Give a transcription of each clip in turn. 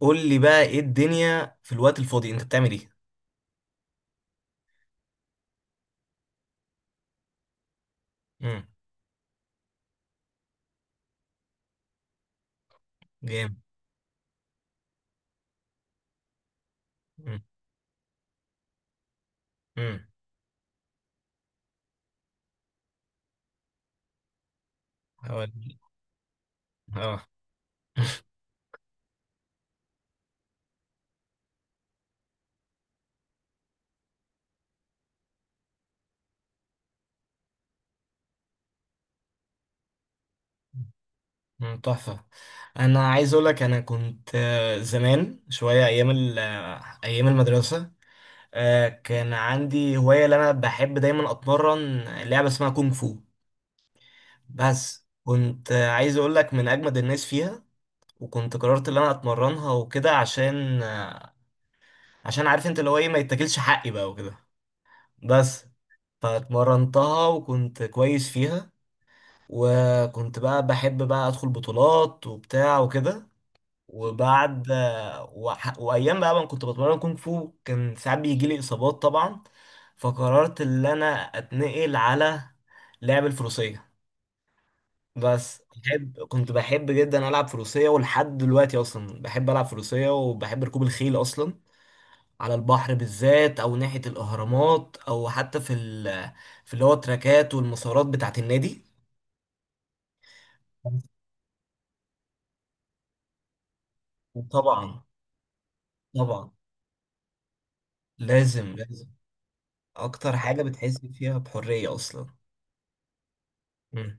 قول لي بقى ايه الدنيا في الوقت الفاضي، انت بتعمل ايه؟ امم. جامد. امم. امم. هقول لك. اه. تحفة. أنا عايز أقولك أنا كنت زمان شوية أيام أيام المدرسة. كان عندي هواية اللي أنا بحب دايما أتمرن. لعبة اسمها كونغ فو. بس كنت عايز أقولك من أجمد الناس فيها. وكنت قررت اللي أنا أتمرنها وكده عشان عشان عارف أنت اللي هو إيه ما يتاكلش حقي بقى وكده. بس فاتمرنتها وكنت كويس فيها. وكنت بقى بحب بقى ادخل بطولات وبتاع وكده. وبعد وايام بقى ما كنت بتمرن كونغ فو كان ساعات بيجي لي اصابات طبعا. فقررت ان انا اتنقل على لعب الفروسية. بس بحب كنت بحب جدا العب فروسية ولحد دلوقتي اصلا بحب العب فروسية وبحب ركوب الخيل اصلا. على البحر بالذات او ناحية الاهرامات او حتى في اللي هو التراكات والمسارات بتاعة النادي. طبعا. طبعا. لازم لازم. اكتر حاجة بتحس فيها بحرية اصلا. امم.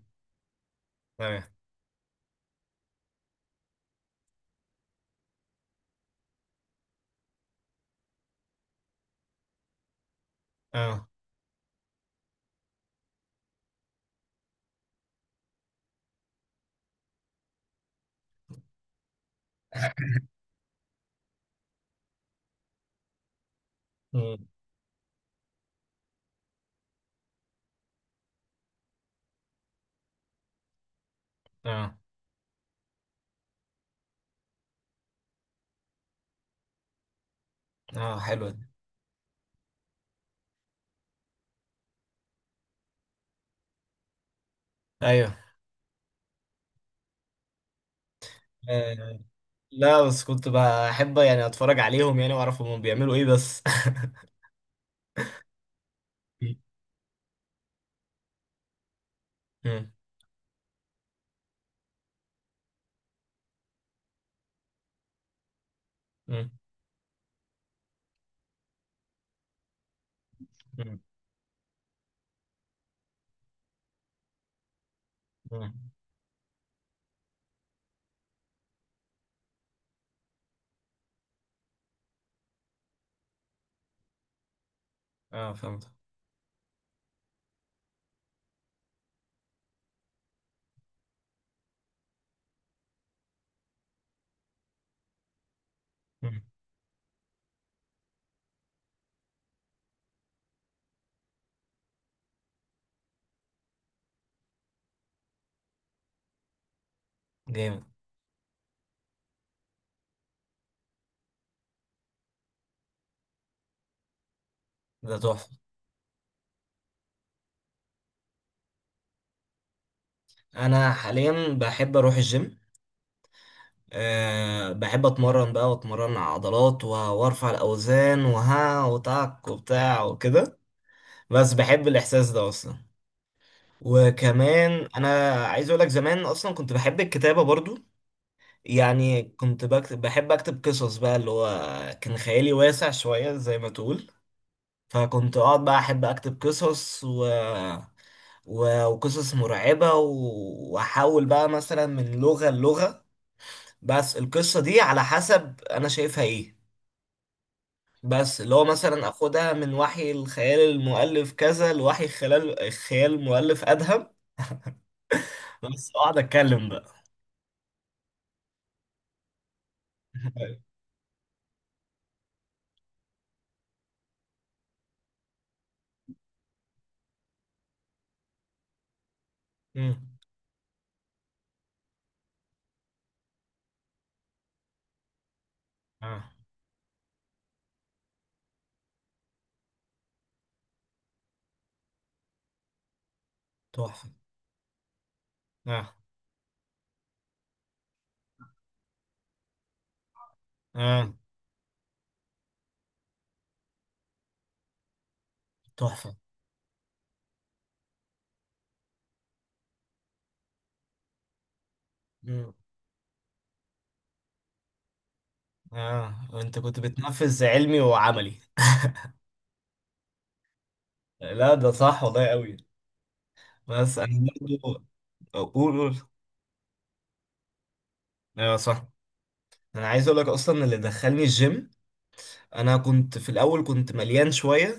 تمام. اه. امم. اه. اه، حلوة دي. ايوه. آه. لا بس كنت بحب يعني اتفرج عليهم يعني واعرف هم بيعملوا ايه بس. مم. مم. مم. مم. مم. اه، فهمت. مم. جامد. ده تحفة. انا حاليا بحب اروح الجيم. أه، بحب اتمرن بقى واتمرن على عضلات وارفع الاوزان وها وتعك وبتاع وكده. بس بحب الاحساس ده اصلا. وكمان انا عايز اقول لك زمان اصلا كنت بحب الكتابة برضو. يعني كنت بكتب بحب اكتب قصص بقى اللي هو كان خيالي واسع شوية زي ما تقول. فكنت اقعد بقى احب اكتب قصص وقصص مرعبة واحاول بقى مثلا من لغة للغة. بس القصة دي على حسب انا شايفها ايه. بس اللي هو مثلا اخدها من وحي الخيال المؤلف كذا لوحي خلال الخيال المؤلف ادهم. بس اقعد اتكلم بقى. مم. اه، تحفه. اه. اه، تحفه. مم. اه، انت كنت بتنفذ علمي وعملي. لا، ده صح والله قوي. بس انا برضه. اقول قول. ايوه صح. انا عايز اقول لك اصلا اللي دخلني الجيم انا كنت في الاول كنت مليان شويه.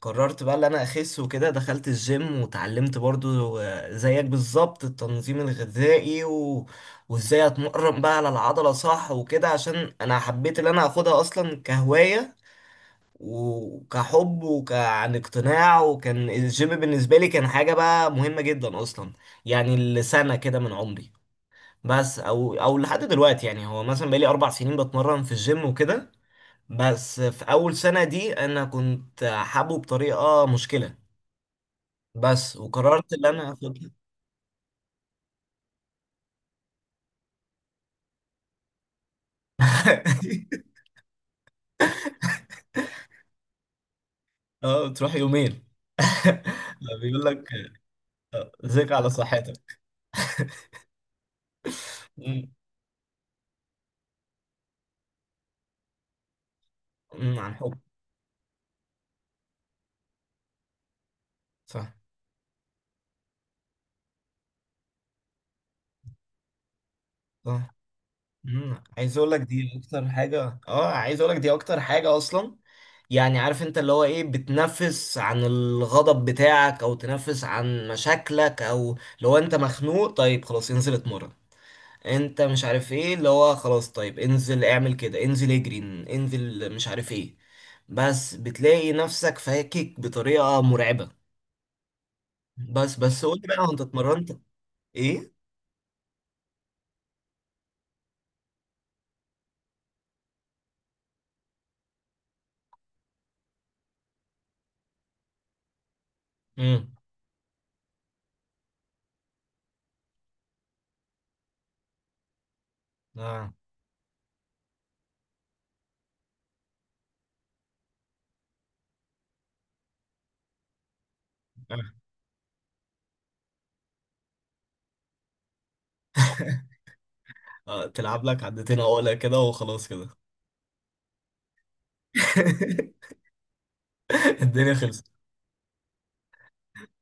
قررت بقى اللي انا اخس وكده دخلت الجيم وتعلمت برضو زيك بالظبط التنظيم الغذائي وازاي اتمرن بقى على العضلة صح وكده عشان انا حبيت اللي انا اخدها اصلا كهواية وكحب وكعن اقتناع. وكان الجيم بالنسبة لي كان حاجة بقى مهمة جدا اصلا. يعني لسنة كده من عمري. بس او او لحد دلوقتي يعني هو مثلا بقالي 4 سنين بتمرن في الجيم وكده. بس في اول سنة دي انا كنت حابه بطريقة مشكلة. بس وقررت ان انا اخدها. اه، تروح يومين. لا، بيقول لك. ذيك على صحتك. أمم. أمم، عن حب. صح. صح. أمم، عايز اقول لك دي اكتر حاجه. اه، عايز اقول لك دي اكتر حاجه اصلا. يعني عارف انت اللي هو ايه بتنفس عن الغضب بتاعك او تنفس عن مشاكلك او لو انت مخنوق طيب خلاص انزل اتمرن. انت مش عارف ايه اللي هو خلاص طيب انزل اعمل كده انزل اجري. انزل مش عارف ايه. بس بتلاقي نفسك فاكك بطريقة مرعبة. بس بس قول لي بقى هو انت اتمرنت ايه؟ امم. آه. آه. آه، تلعب لك عدتين عقلة كده وخلاص كده. الدنيا خلصت.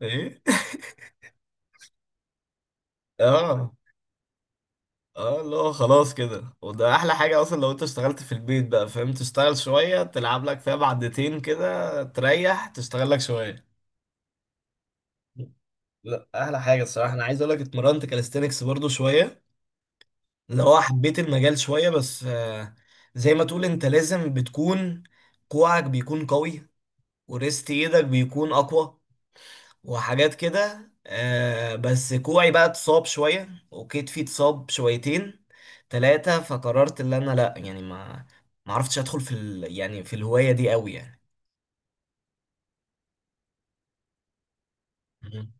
ايه. اه. اه اللي هو خلاص كده وده احلى حاجة اصلا لو انت اشتغلت في البيت بقى فاهم تشتغل شوية تلعب لك فيها بعدتين كده تريح تشتغل لك شوية. لا، احلى حاجه الصراحه. انا عايز اقول لك اتمرنت كاليستينكس برضو شويه. اللي هو حبيت المجال شويه بس زي ما تقول انت لازم بتكون كوعك بيكون قوي. وريست ايدك بيكون اقوى. وحاجات كده بس كوعي بقى اتصاب شويه وكتفي اتصاب شويتين ثلاثه. فقررت ان انا لا يعني ما عرفتش ادخل في يعني في الهوايه دي قوي يعني. مم.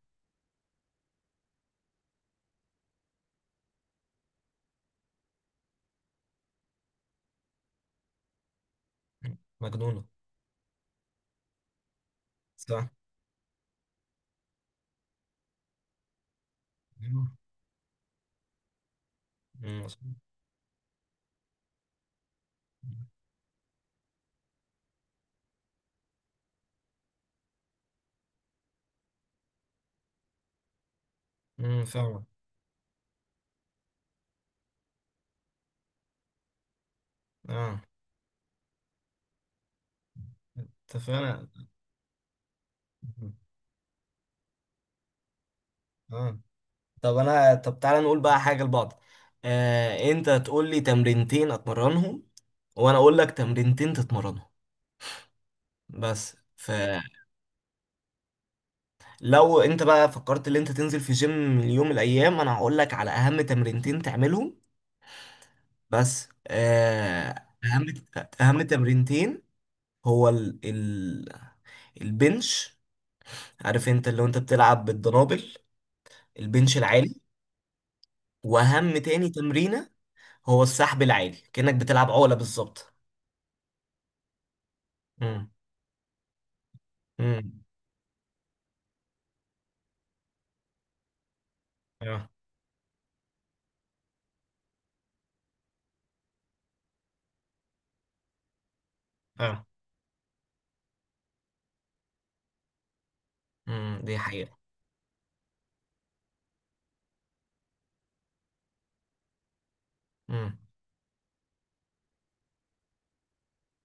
مجنونه. صح. مم. مم. مم. فاهمة. اه، اتفقنا. اه. طب انا طب تعالى نقول بقى حاجه لبعض. انت تقول لي تمرينتين اتمرنهم وانا اقول لك تمرينتين تتمرنهم. بس فلو انت بقى فكرت ان انت تنزل في جيم اليوم من الايام انا هقول لك على اهم تمرينتين تعملهم. بس اهم اهم تمرينتين هو البنش. عارف انت اللي هو انت بتلعب بالدنابل. البنش العالي. واهم تاني تمرينة هو السحب العادي كأنك بتلعب عقلة بالظبط. امم. امم. اه. اه. امم، دي حقيقة. امم.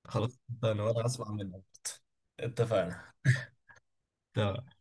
خلاص، اتفقنا وانا هسمع منك. اتفقنا. تمام.